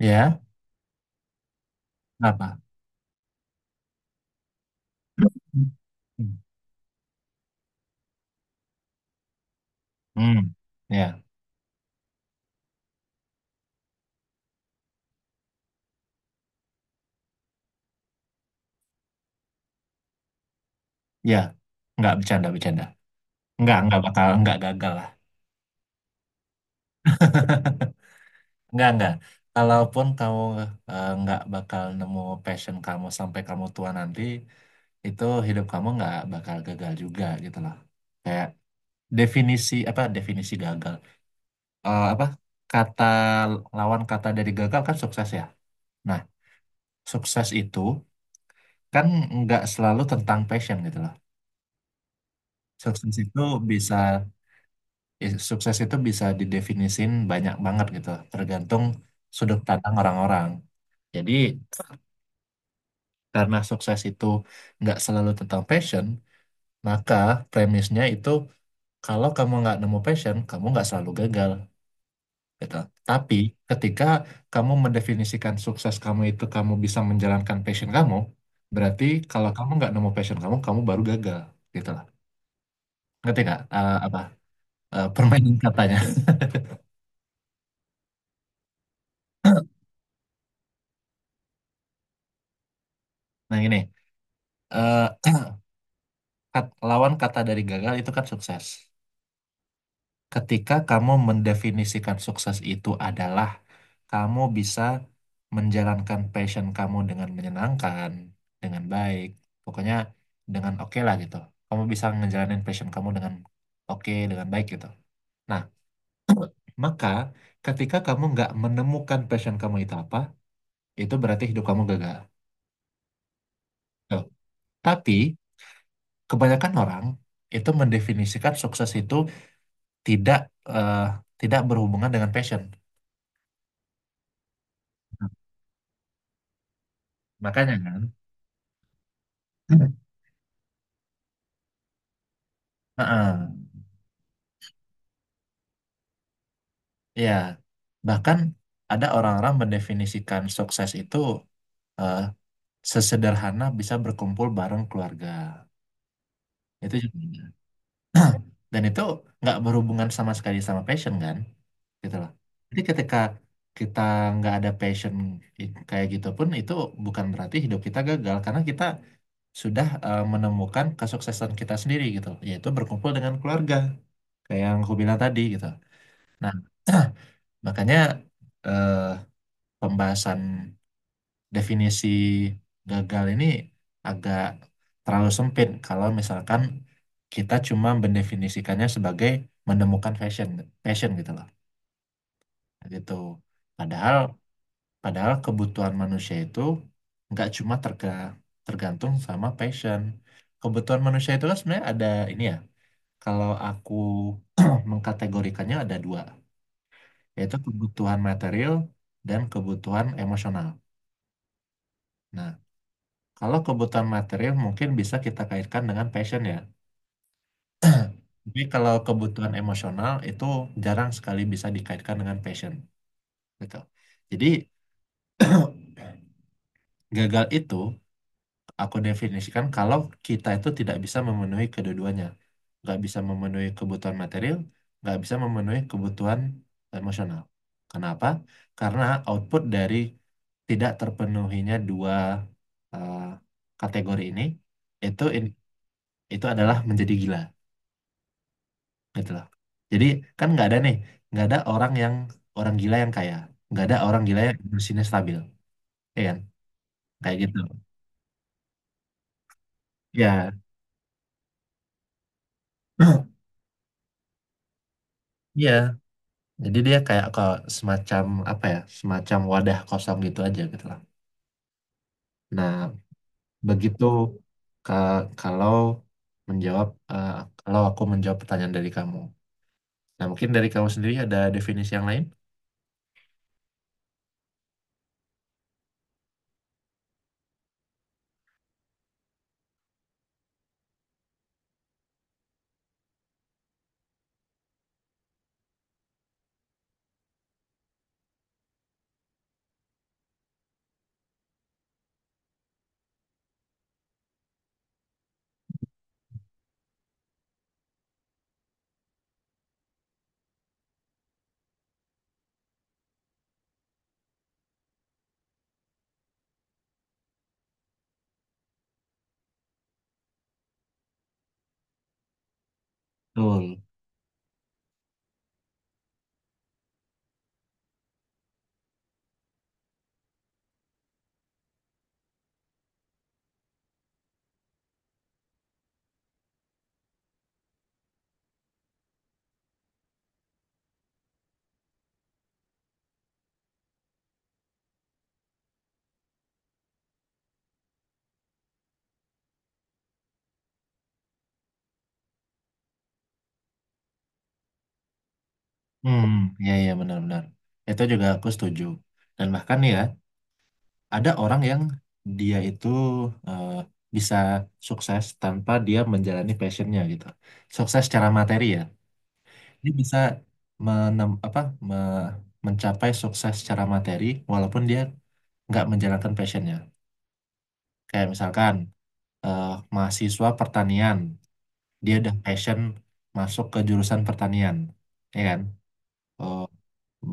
Ya, apa? Hmm, Hmm. ya, ya, nggak, bercanda. Nggak bakal, nggak gagal lah. Nggak, nggak. Kalaupun kamu nggak bakal nemu passion kamu sampai kamu tua nanti, itu hidup kamu nggak bakal gagal juga gitu loh. Kayak definisi apa? Definisi gagal. Eh, apa? Kata Lawan kata dari gagal kan sukses ya. Nah, sukses itu kan nggak selalu tentang passion gitu loh. Sukses itu bisa Ya, sukses itu bisa didefinisin banyak banget gitu, tergantung sudut pandang orang-orang. Jadi, karena sukses itu nggak selalu tentang passion, maka premisnya itu kalau kamu nggak nemu passion, kamu nggak selalu gagal gitu. Tapi ketika kamu mendefinisikan sukses kamu itu kamu bisa menjalankan passion kamu, berarti kalau kamu nggak nemu passion, kamu, kamu baru gagal gitu lah. Ngerti nggak? Permainan katanya? Nah, gini. eh, Lawan kata dari gagal itu kan sukses. Ketika kamu mendefinisikan sukses itu adalah kamu bisa menjalankan passion kamu dengan menyenangkan, dengan baik, pokoknya dengan oke lah gitu. Kamu bisa ngejalanin passion kamu dengan oke, dengan baik gitu. Nah, maka ketika kamu nggak menemukan passion kamu itu apa, itu berarti hidup kamu gagal. Tuh. Tapi kebanyakan orang itu mendefinisikan sukses itu tidak eh, tidak berhubungan dengan passion. Makanya kan, Heeh. Ya, bahkan ada orang-orang mendefinisikan sukses itu eh, sesederhana bisa berkumpul bareng keluarga. Itu juga ada. Dan itu nggak berhubungan sama sekali sama passion kan, gitu loh. Jadi ketika kita nggak ada passion kayak gitu pun itu bukan berarti hidup kita gagal karena kita sudah menemukan kesuksesan kita sendiri gitu, yaitu berkumpul dengan keluarga, kayak yang aku bilang tadi gitu. Nah, makanya eh, pembahasan definisi gagal ini agak terlalu sempit kalau misalkan kita cuma mendefinisikannya sebagai menemukan passion gitu loh. Gitu. Padahal Padahal kebutuhan manusia itu nggak cuma terga- tergantung sama passion. Kebutuhan manusia itu kan sebenarnya ada ini ya. Kalau aku mengkategorikannya ada dua, yaitu kebutuhan material dan kebutuhan emosional. Nah, kalau kebutuhan material mungkin bisa kita kaitkan dengan passion ya. Tapi kalau kebutuhan emosional itu jarang sekali bisa dikaitkan dengan passion, gitu. Jadi gagal itu aku definisikan kalau kita itu tidak bisa memenuhi kedua-duanya. Nggak bisa memenuhi kebutuhan material, nggak bisa memenuhi kebutuhan emosional. Kenapa? Karena output dari tidak terpenuhinya dua eh, kategori ini itu in- itu adalah menjadi gila, gitu loh. Jadi kan nggak ada nih, nggak ada orang yang orang gila yang kaya, nggak ada orang gila yang emosinya stabil, ya kan? Kayak gitu. Ya, iya, jadi dia kayak ke semacam apa ya, semacam wadah kosong gitu aja gitu lah. Nah, begitu kalau menjawab eh, kalau aku menjawab pertanyaan dari kamu. Nah, mungkin dari kamu sendiri ada definisi yang lain? Betul. Hmm, ya, ya benar-benar. Itu juga aku setuju. Dan bahkan ya, ada orang yang dia itu eh, bisa sukses tanpa dia menjalani passionnya gitu. Sukses secara materi ya. Dia bisa menem, apa me- mencapai sukses secara materi walaupun dia nggak menjalankan passionnya, kayak misalkan eh, mahasiswa pertanian dia udah passion masuk ke jurusan pertanian ya kan. Eh,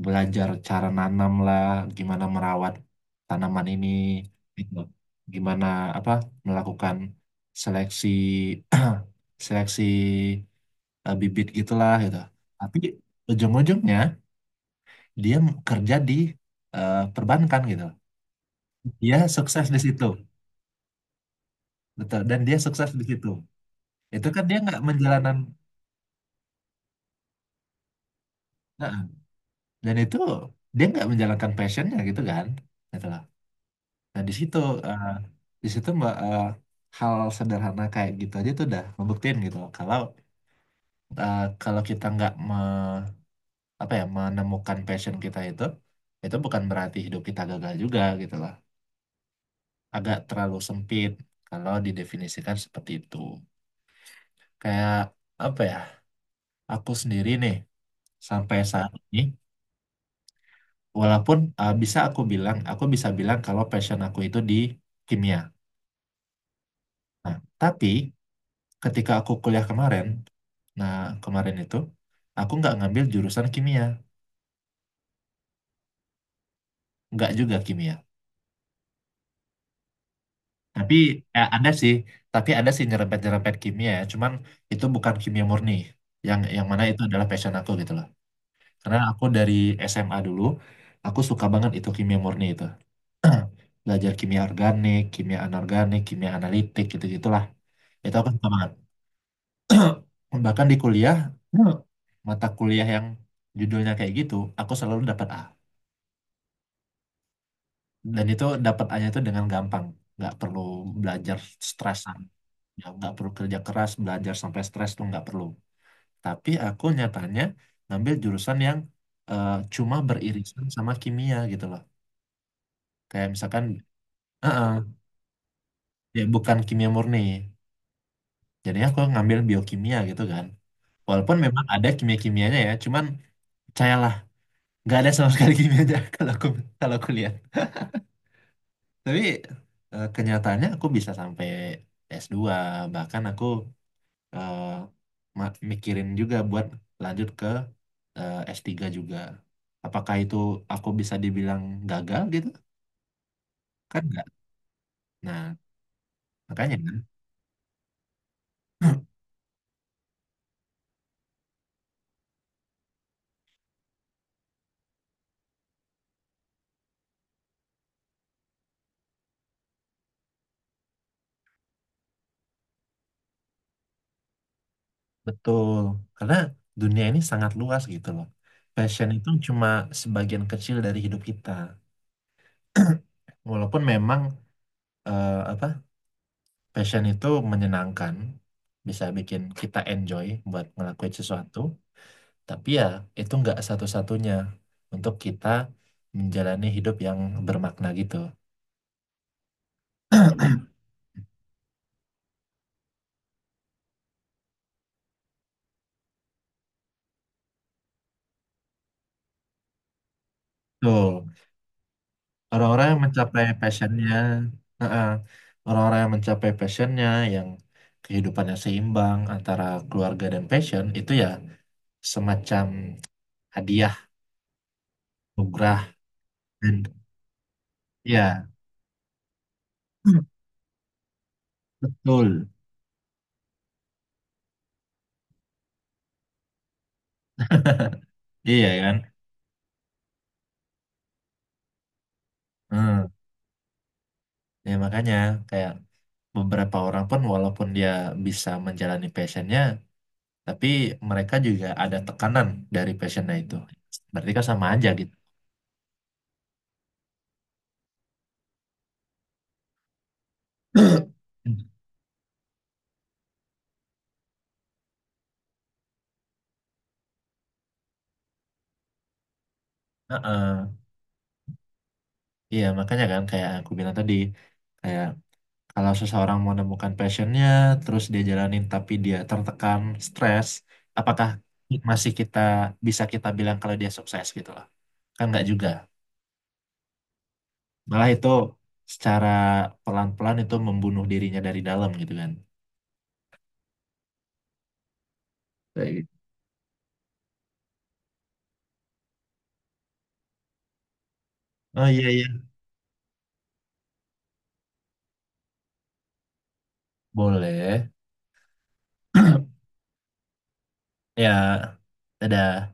belajar cara nanam lah, gimana merawat tanaman ini gitu. Gimana apa melakukan seleksi seleksi eh, bibit gitulah gitu, tapi ujung-ujungnya dia kerja di perbankan gitu. Dia sukses di situ, betul. Dan dia sukses di situ. Itu kan dia nggak menjalankan, Nah, dan itu dia nggak menjalankan passionnya gitu kan, gitu loh. Nah di situ, eh, di situ mbak, hal sederhana kayak gitu aja tuh udah ngebuktiin gitu loh. Kalau kita nggak me, apa ya menemukan passion kita itu bukan berarti hidup kita gagal juga gitu loh. Agak terlalu sempit kalau didefinisikan seperti itu. Kayak apa ya, aku sendiri nih sampai saat ini walaupun bisa aku bilang, aku bisa bilang kalau passion aku itu di kimia. Nah tapi ketika aku kuliah kemarin, nah kemarin itu aku nggak ngambil jurusan kimia, nggak juga kimia, tapi eh, ada sih ada sih nyerempet-nyerempet kimia, ya cuman itu bukan kimia murni, yang mana itu adalah passion aku gitu loh. Karena aku dari SMA dulu aku suka banget itu kimia murni itu. Belajar kimia organik, kimia anorganik, kimia analitik gitu-gitulah. Itu aku suka banget. Bahkan di kuliah, mata kuliah yang judulnya kayak gitu, aku selalu dapat A. Dan itu dapat A-nya itu dengan gampang. Nggak perlu belajar stresan. Ya, nggak perlu kerja keras, belajar sampai stres tuh nggak perlu. Tapi aku nyatanya ngambil jurusan yang cuma beririsan sama kimia gitu loh. Kayak misalkan, eh, eh, ya bukan kimia murni. Jadi aku ngambil biokimia gitu kan. Walaupun memang ada kimia-kimianya ya, cuman percayalah, nggak ada sama sekali kimianya kalau aku lihat. Tapi kenyataannya aku bisa sampai S2, bahkan aku eh, mikirin juga buat lanjut ke S3 juga. Apakah itu aku bisa dibilang gagal gitu? Kan nggak. Nah, makanya kan. Betul, karena dunia ini sangat luas gitu loh. Passion itu cuma sebagian kecil dari hidup kita. Walaupun memang eh, apa passion itu menyenangkan, bisa bikin kita enjoy buat ngelakuin sesuatu, tapi ya itu nggak satu-satunya untuk kita menjalani hidup yang bermakna gitu. Betul. Orang-orang yang mencapai passionnya, eh, orang-orang yang mencapai passionnya, yang kehidupannya seimbang antara keluarga dan passion itu ya semacam hadiah, nugrah, dan ya betul, iya kan? Ya makanya kayak beberapa orang pun walaupun dia bisa menjalani passionnya, tapi mereka juga ada tekanan dari passionnya itu. Berarti kan sama aja gitu. Hmm. Heeh. Iya makanya kan kayak aku bilang tadi, kayak kalau seseorang mau menemukan passionnya, terus dia jalanin tapi dia tertekan, stres, apakah masih kita bilang kalau dia sukses gitu loh? Kan nggak juga. Malah itu secara pelan-pelan itu membunuh dirinya dari dalam gitu kan. Oh iya iya, boleh. Ya, ada.